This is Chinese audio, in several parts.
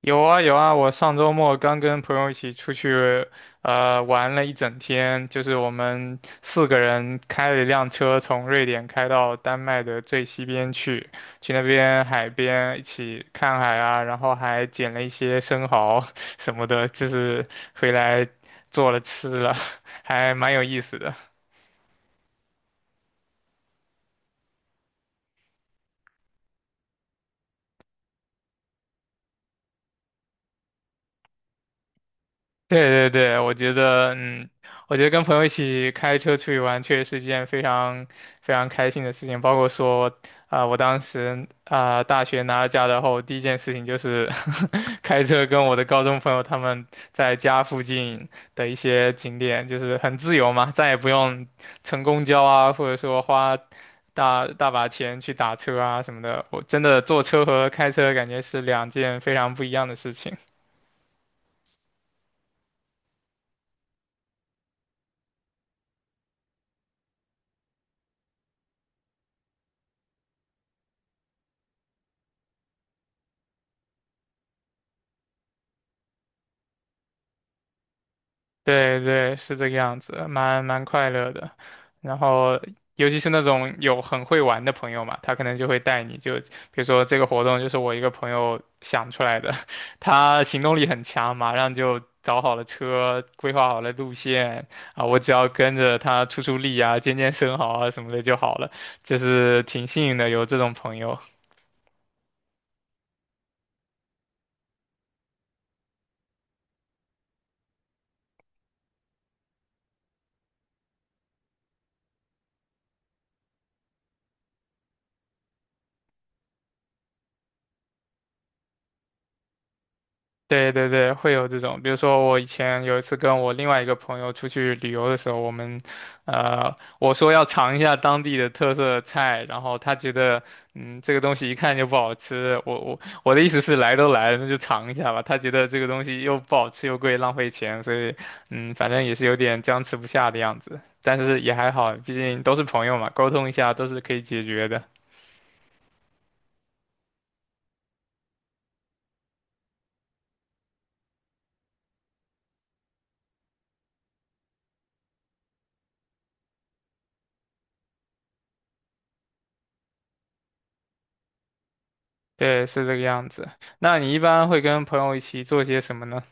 有啊有啊，我上周末刚跟朋友一起出去，玩了一整天，就是我们四个人开了一辆车从瑞典开到丹麦的最西边去，去那边海边一起看海啊，然后还捡了一些生蚝 什么的，就是回来做了吃了，还蛮有意思的。对对对，我觉得，我觉得跟朋友一起开车出去玩，确实是一件非常非常开心的事情。包括说，啊、我当时啊、大学拿了驾照后，第一件事情就是 开车跟我的高中朋友他们在家附近的一些景点，就是很自由嘛，再也不用乘公交啊，或者说花大大把钱去打车啊什么的。我真的坐车和开车感觉是两件非常不一样的事情。对对，是这个样子，蛮快乐的。然后，尤其是那种有很会玩的朋友嘛，他可能就会带你就，比如说这个活动就是我一个朋友想出来的，他行动力很强，马上就找好了车，规划好了路线啊，我只要跟着他出出力啊，健健生蚝啊什么的就好了，就是挺幸运的有这种朋友。对对对，会有这种，比如说我以前有一次跟我另外一个朋友出去旅游的时候，我们，我说要尝一下当地的特色菜，然后他觉得，这个东西一看就不好吃，我的意思是来都来了，那就尝一下吧。他觉得这个东西又不好吃又贵，浪费钱，所以，反正也是有点僵持不下的样子，但是也还好，毕竟都是朋友嘛，沟通一下都是可以解决的。对，是这个样子。那你一般会跟朋友一起做些什么呢？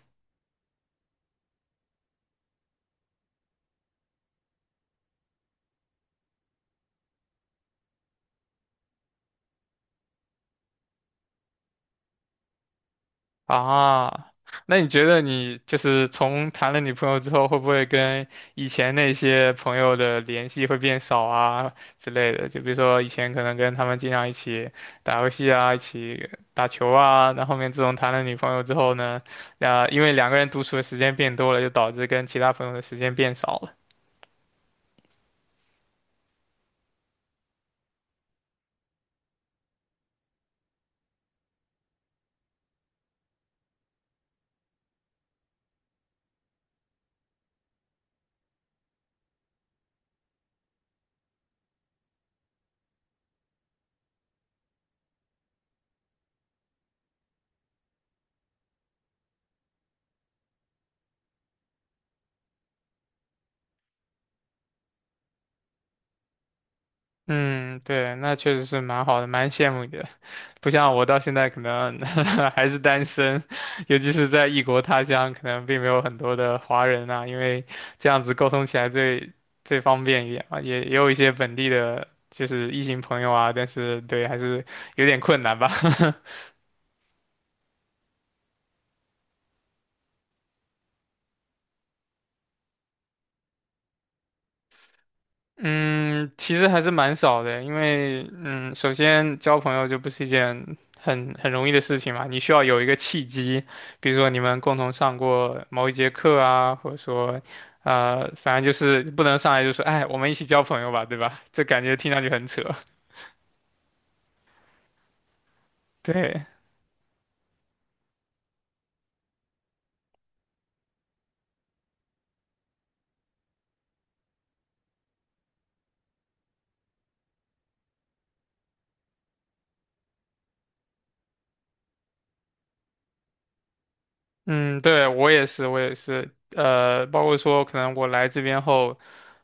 啊，那你觉得你就是从谈了女朋友之后，会不会跟以前那些朋友的联系会变少啊之类的？就比如说以前可能跟他们经常一起打游戏啊，一起打球啊，那后面自从谈了女朋友之后呢，啊，因为两个人独处的时间变多了，就导致跟其他朋友的时间变少了。嗯，对，那确实是蛮好的，蛮羡慕你的。不像我到现在可能 还是单身，尤其是在异国他乡，可能并没有很多的华人啊，因为这样子沟通起来最方便一点嘛。也有一些本地的，就是异性朋友啊，但是对，还是有点困难吧。嗯，其实还是蛮少的，因为首先交朋友就不是一件很容易的事情嘛，你需要有一个契机，比如说你们共同上过某一节课啊，或者说，反正就是不能上来就说，哎，我们一起交朋友吧，对吧？这感觉听上去很扯，对。嗯，对，我也是，我也是，包括说可能我来这边后，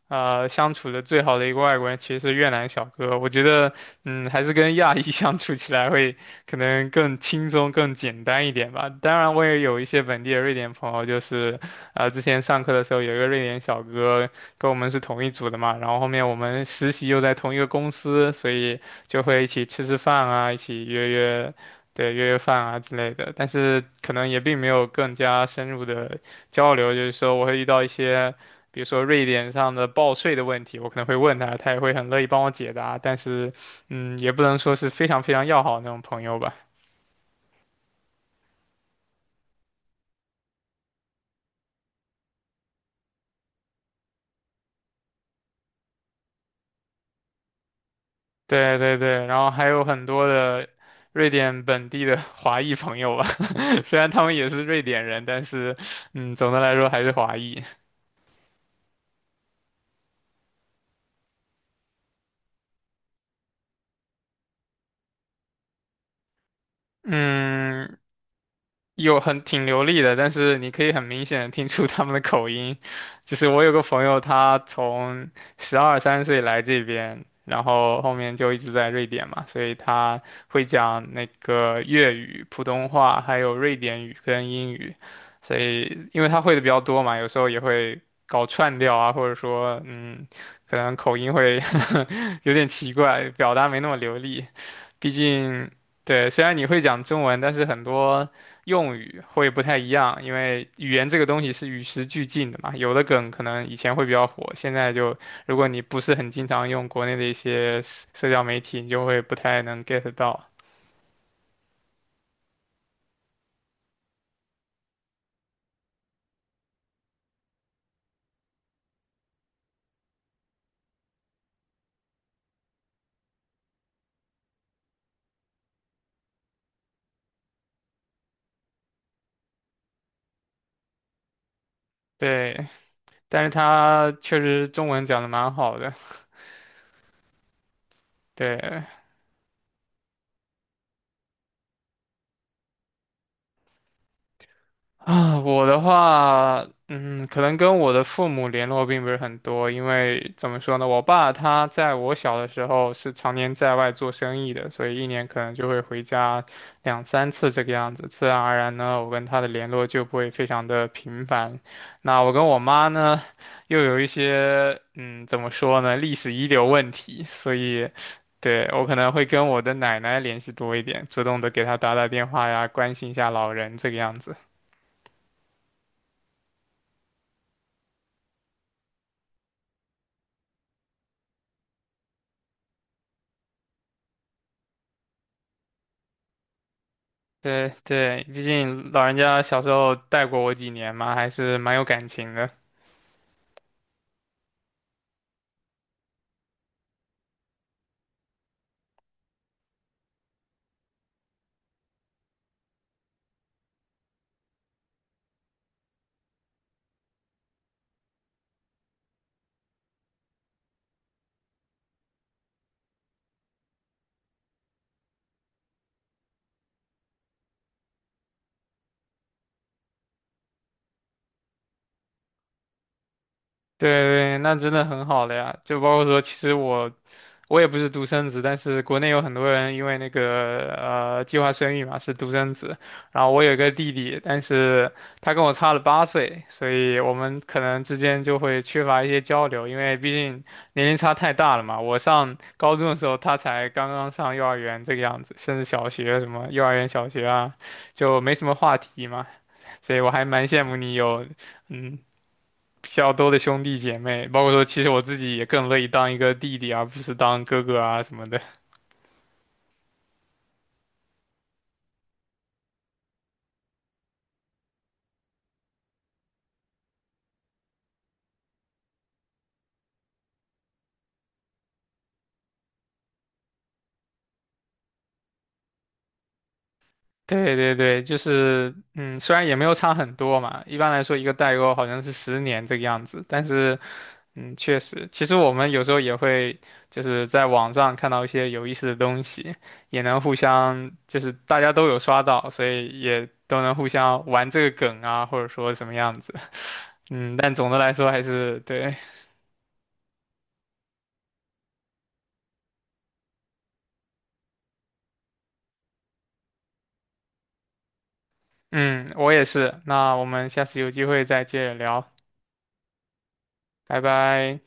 相处的最好的一个外国人其实是越南小哥，我觉得，还是跟亚裔 相处起来会可能更轻松、更简单一点吧。当然，我也有一些本地的瑞典朋友，就是，之前上课的时候有一个瑞典小哥跟我们是同一组的嘛，然后后面我们实习又在同一个公司，所以就会一起吃吃饭啊，一起约约。对，约约饭啊之类的，但是可能也并没有更加深入的交流。就是说，我会遇到一些，比如说瑞典上的报税的问题，我可能会问他，他也会很乐意帮我解答。但是，也不能说是非常非常要好那种朋友吧。对对对，然后还有很多的瑞典本地的 华裔朋友吧，虽然他们也是瑞典人，但是，总的来说还是华裔。嗯，有很挺流利的，但是你可以很明显的听出他们的口音。就是我有个朋友，他从12、13岁来这边，然后后面就一直在瑞典嘛，所以他会讲那个粤语、普通话，还有瑞典语跟英语。所以因为他会的比较多嘛，有时候也会搞串调啊，或者说可能口音会 有点奇怪，表达没那么流利。毕竟，对，虽然你会讲中文，但是很多用语会不太一样，因为语言这个东西是与时俱进的嘛。有的梗可能以前会比较火，现在就如果你不是很经常用国内的一些社交媒体，你就会不太能 get 到。对，但是他确实中文讲的蛮好的，对。啊，我的话，可能跟我的父母联络并不是很多，因为怎么说呢，我爸他在我小的时候是常年在外做生意的，所以一年可能就会回家2、3次这个样子，自然而然呢，我跟他的联络就不会非常的频繁。那我跟我妈呢，又有一些，怎么说呢，历史遗留问题，所以。对，我可能会跟我的奶奶联系多一点，主动的给她打打电话呀，关心一下老人这个样子。对对，毕竟老人家小时候带过我几年嘛，还是蛮有感情的。对对，那真的很好了呀。就包括说，其实我也不是独生子，但是国内有很多人因为那个计划生育嘛是独生子，然后我有一个弟弟，但是他跟我差了8岁，所以我们可能之间就会缺乏一些交流，因为毕竟年龄差太大了嘛。我上高中的时候，他才刚刚上幼儿园这个样子，甚至小学什么幼儿园、小学啊，就没什么话题嘛，所以我还蛮羡慕你有嗯比较多的兄弟姐妹，包括说其实我自己也更乐意当一个弟弟，而不是当哥哥啊什么的。对对对，就是虽然也没有差很多嘛，一般来说一个代沟好像是10年这个样子，但是确实，其实我们有时候也会就是在网上看到一些有意思的东西，也能互相就是大家都有刷到，所以也都能互相玩这个梗啊，或者说什么样子，但总的来说还是对，嗯，我也是。那我们下次有机会再接着聊，拜拜。